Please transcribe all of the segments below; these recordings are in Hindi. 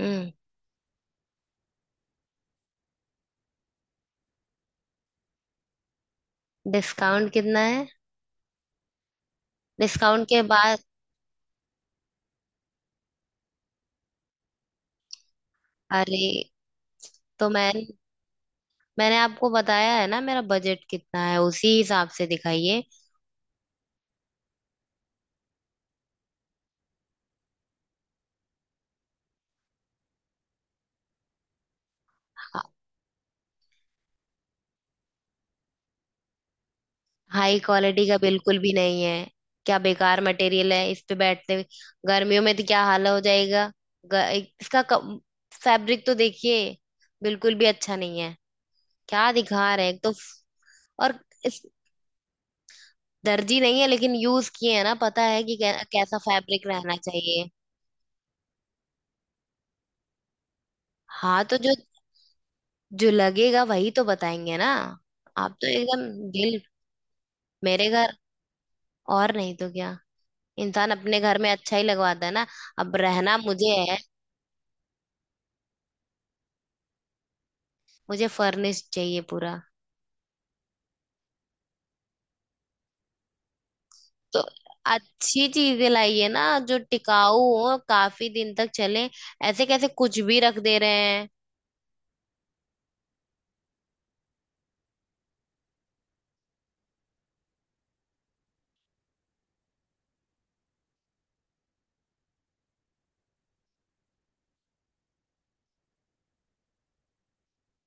हम्म। डिस्काउंट कितना है? डिस्काउंट के बाद? अरे, तो मैंने आपको बताया है ना, मेरा बजट कितना है, उसी हिसाब से दिखाइए। हाई क्वालिटी का बिल्कुल भी नहीं है। क्या बेकार मटेरियल है, इस पे बैठते गर्मियों में तो क्या हाल हो जाएगा। इसका फैब्रिक तो देखिए, बिल्कुल भी अच्छा नहीं है। क्या दिखा रहे हैं तो। और इस दर्जी नहीं है, लेकिन यूज किए हैं ना, पता है कि कैसा फैब्रिक रहना चाहिए। हाँ, तो जो जो लगेगा वही तो बताएंगे ना। आप तो एकदम दिल, मेरे घर। और नहीं तो क्या, इंसान अपने घर में अच्छा ही लगवाता है ना। अब रहना मुझे है। मुझे फर्निश चाहिए पूरा। तो अच्छी चीजें लाइए ना, जो टिकाऊ हो, काफी दिन तक चले। ऐसे कैसे कुछ भी रख दे रहे हैं।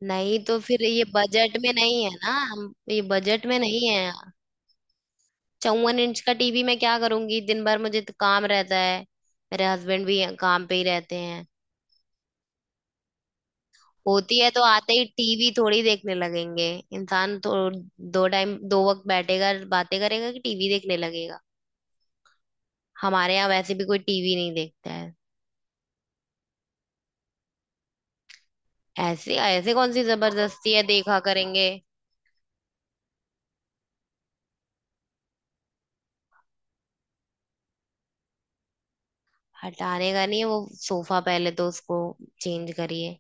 नहीं तो फिर ये बजट में नहीं है ना, हम ये बजट में नहीं है। 54 इंच का टीवी मैं क्या करूंगी, दिन भर मुझे तो काम रहता है। मेरे हस्बैंड भी काम पे ही रहते हैं। होती है तो आते ही टीवी थोड़ी देखने लगेंगे। इंसान तो दो टाइम दो वक्त बैठेगा बातें करेगा कि टीवी देखने लगेगा। हमारे यहाँ वैसे भी कोई टीवी नहीं देखता है। ऐसे ऐसे कौन सी जबरदस्ती है, देखा करेंगे। हटाने का नहीं है वो सोफा, पहले तो उसको चेंज करिए।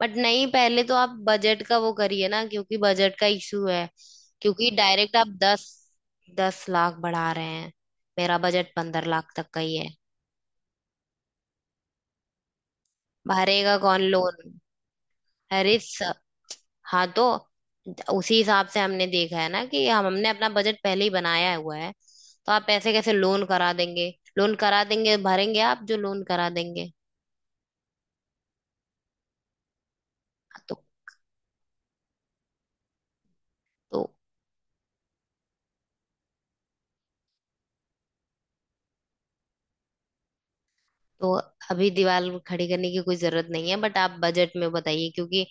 बट नहीं, पहले तो आप बजट का वो करिए ना, क्योंकि बजट का इशू है। क्योंकि डायरेक्ट आप 10-10 लाख बढ़ा रहे हैं। मेरा बजट 15 लाख तक का ही है। भरेगा कौन लोन? अरे स- हाँ, तो उसी हिसाब से हमने देखा है ना, कि हम हमने अपना बजट पहले ही बनाया हुआ है। तो आप पैसे कैसे लोन करा देंगे? लोन करा देंगे, भरेंगे आप जो लोन करा देंगे। तो तो तो अभी दीवार खड़ी करने की कोई जरूरत नहीं है, बट आप बजट में बताइए, क्योंकि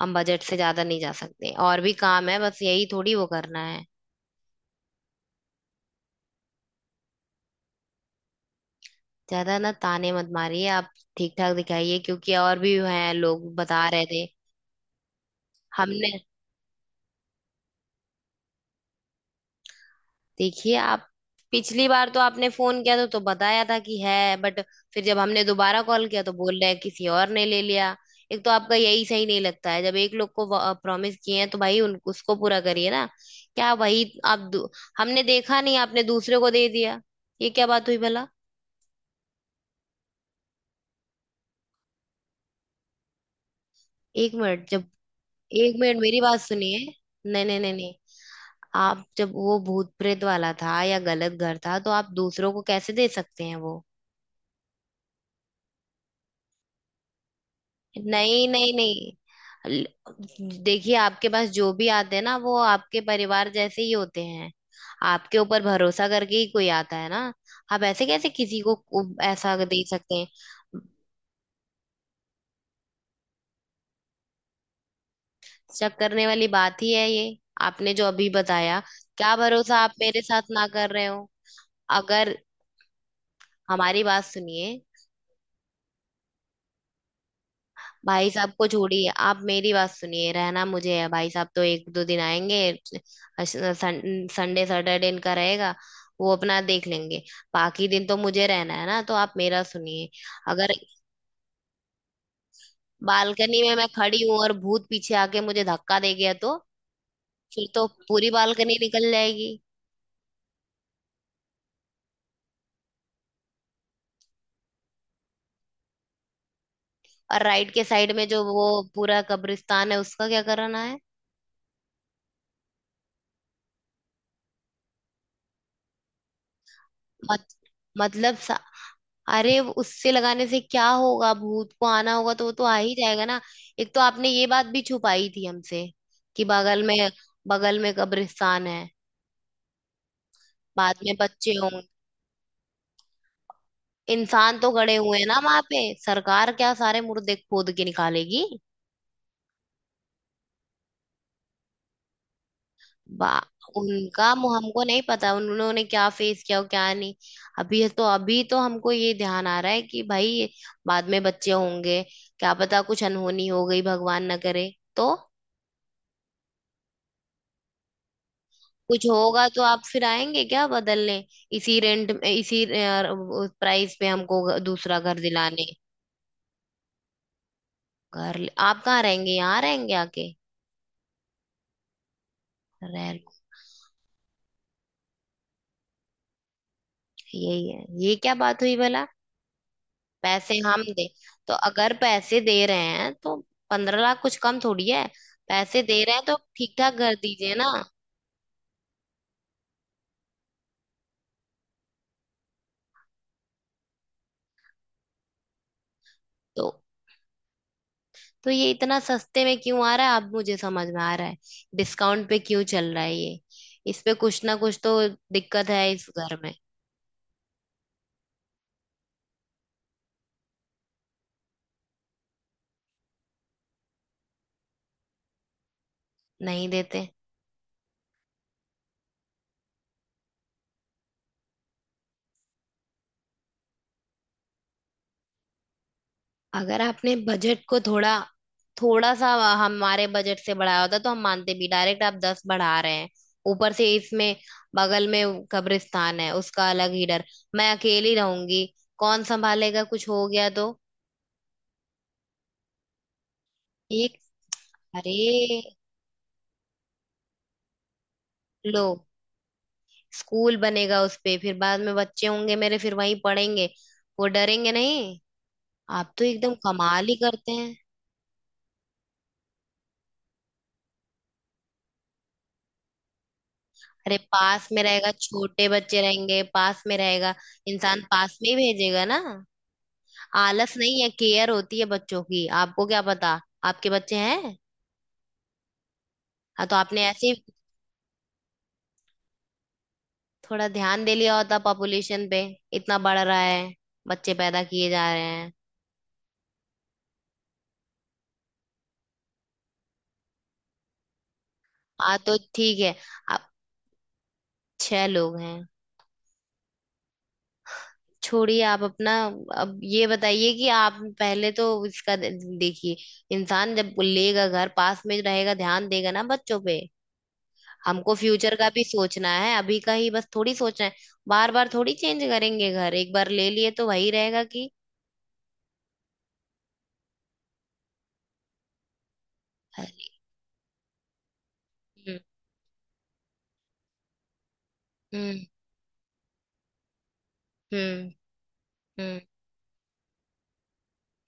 हम बजट से ज्यादा नहीं जा सकते, और भी काम है, बस यही थोड़ी वो करना है। ज्यादा ना ताने मत मारिए आप। ठीक ठाक दिखाइए, क्योंकि और भी हैं, लोग बता रहे थे। हमने देखिए, आप पिछली बार तो आपने फोन किया तो बताया था कि है, बट फिर जब हमने दोबारा कॉल किया तो बोल रहे हैं किसी और ने ले लिया। एक तो आपका यही सही नहीं लगता है, जब एक लोग को प्रॉमिस किए हैं तो भाई उन उसको पूरा करिए ना। क्या वही आप दू- हमने देखा नहीं, आपने दूसरे को दे दिया। ये क्या बात हुई भला। एक मिनट जब एक मिनट मेरी बात सुनिए। नहीं, नहीं, नहीं, नहीं। आप जब वो भूत प्रेत वाला था या गलत घर था, तो आप दूसरों को कैसे दे सकते हैं वो। नहीं, नहीं, नहीं। देखिए, आपके पास जो भी आते हैं ना, वो आपके परिवार जैसे ही होते हैं। आपके ऊपर भरोसा करके ही कोई आता है ना। आप ऐसे कैसे किसी को ऐसा दे सकते हैं। शक करने वाली बात ही है ये, आपने जो अभी बताया। क्या भरोसा, आप मेरे साथ ना कर रहे हो। अगर हमारी बात सुनिए। भाई साहब को छोड़िए, आप मेरी बात सुनिए। रहना मुझे है, भाई साहब तो एक दो दिन आएंगे। अश- संडे सैटरडे इनका रहेगा, वो अपना देख लेंगे। बाकी दिन तो मुझे रहना है ना, तो आप मेरा सुनिए। अगर बालकनी में मैं खड़ी हूं और भूत पीछे आके मुझे धक्का दे गया तो फिर तो पूरी बालकनी निकल जाएगी। और राइट के साइड में जो वो पूरा कब्रिस्तान है, उसका क्या कराना है। मत, मतलब, अरे वो उससे लगाने से क्या होगा, भूत को आना होगा तो वो तो आ ही जाएगा ना। एक तो आपने ये बात भी छुपाई थी हमसे, कि बगल में कब्रिस्तान है। बाद में बच्चे होंगे, इंसान तो गड़े हुए हैं ना वहां पे, सरकार क्या सारे मुर्दे खोद के निकालेगी। बा हमको नहीं पता उन्होंने क्या फेस किया और क्या नहीं। अभी तो हमको ये ध्यान आ रहा है कि भाई, बाद में बच्चे होंगे, क्या पता कुछ अनहोनी हो गई, भगवान ना करे तो। कुछ होगा तो आप फिर आएंगे क्या बदलने, इसी रेंट में इसी प्राइस पे हमको दूसरा घर दिलाने। आप कहाँ रहेंगे, यहाँ रहेंगे आके? रह लो। यही है, ये क्या बात हुई भला। पैसे हम दे, तो अगर पैसे दे रहे हैं तो 15 लाख कुछ कम थोड़ी है। पैसे दे रहे हैं तो ठीक ठाक घर दीजिए ना। तो तो ये इतना सस्ते में क्यों आ रहा है, अब मुझे समझ में आ रहा है, डिस्काउंट पे क्यों चल रहा है ये। इस पे कुछ ना कुछ तो दिक्कत है इस घर में। नहीं देते। अगर आपने बजट को थोड़ा, थोड़ा सा हमारे बजट से बढ़ाया होता तो हम मानते भी, डायरेक्ट आप दस बढ़ा रहे हैं। ऊपर से इसमें बगल में कब्रिस्तान है, उसका अलग ही डर। मैं अकेली रहूंगी, कौन संभालेगा कुछ हो गया तो। एक अरे लो, स्कूल बनेगा उस पे, फिर बाद में बच्चे होंगे मेरे, फिर वहीं पढ़ेंगे। वो डरेंगे नहीं। आप तो एकदम कमाल ही करते हैं। अरे, पास में रहेगा, छोटे बच्चे रहेंगे, पास में रहेगा। इंसान पास में ही भेजेगा ना। आलस नहीं है, केयर होती है बच्चों की, आपको क्या पता। आपके बच्चे हैं? हाँ, तो आपने ऐसे ही थोड़ा ध्यान दे लिया होता पॉपुलेशन पे, इतना बढ़ रहा है, बच्चे पैदा किए जा रहे हैं। हाँ, तो ठीक है। आप छह लोग हैं। छोड़िए आप अपना। अब ये बताइए कि आप, पहले तो इसका देखिए, इंसान जब लेगा घर, पास में रहेगा, ध्यान देगा ना बच्चों पे। हमको फ्यूचर का भी सोचना है, अभी का ही बस थोड़ी सोचना है। बार बार थोड़ी चेंज करेंगे घर, एक बार ले लिए तो वही रहेगा कि। हम्म। हम्म। हम्म। हम्म।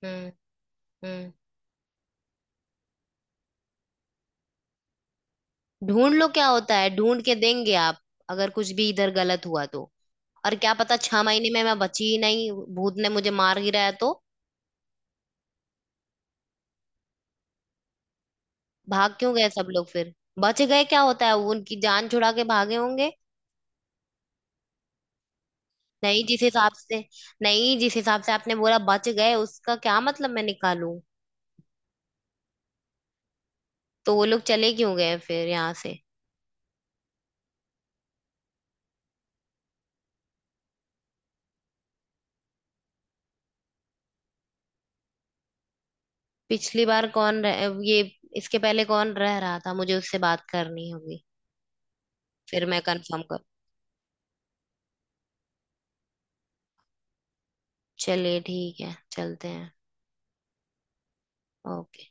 हम्म। हम्म। ढूंढ लो क्या होता है, ढूंढ के देंगे आप? अगर कुछ भी इधर गलत हुआ तो, और क्या पता 6 महीने में मैं बची ही नहीं, भूत ने मुझे मार गिराया है तो। भाग क्यों गए सब लोग फिर? बच गए क्या होता है, वो उनकी जान छुड़ा के भागे होंगे। नहीं जिस हिसाब से नहीं, जिस हिसाब से आपने बोला बच गए, उसका क्या मतलब मैं निकालूं। तो वो लोग चले क्यों गए फिर यहाँ से? पिछली बार कौन ये इसके पहले कौन रह रहा था, मुझे उससे बात करनी होगी। फिर मैं कंफर्म कर चलिए, ठीक है, चलते हैं। ओके।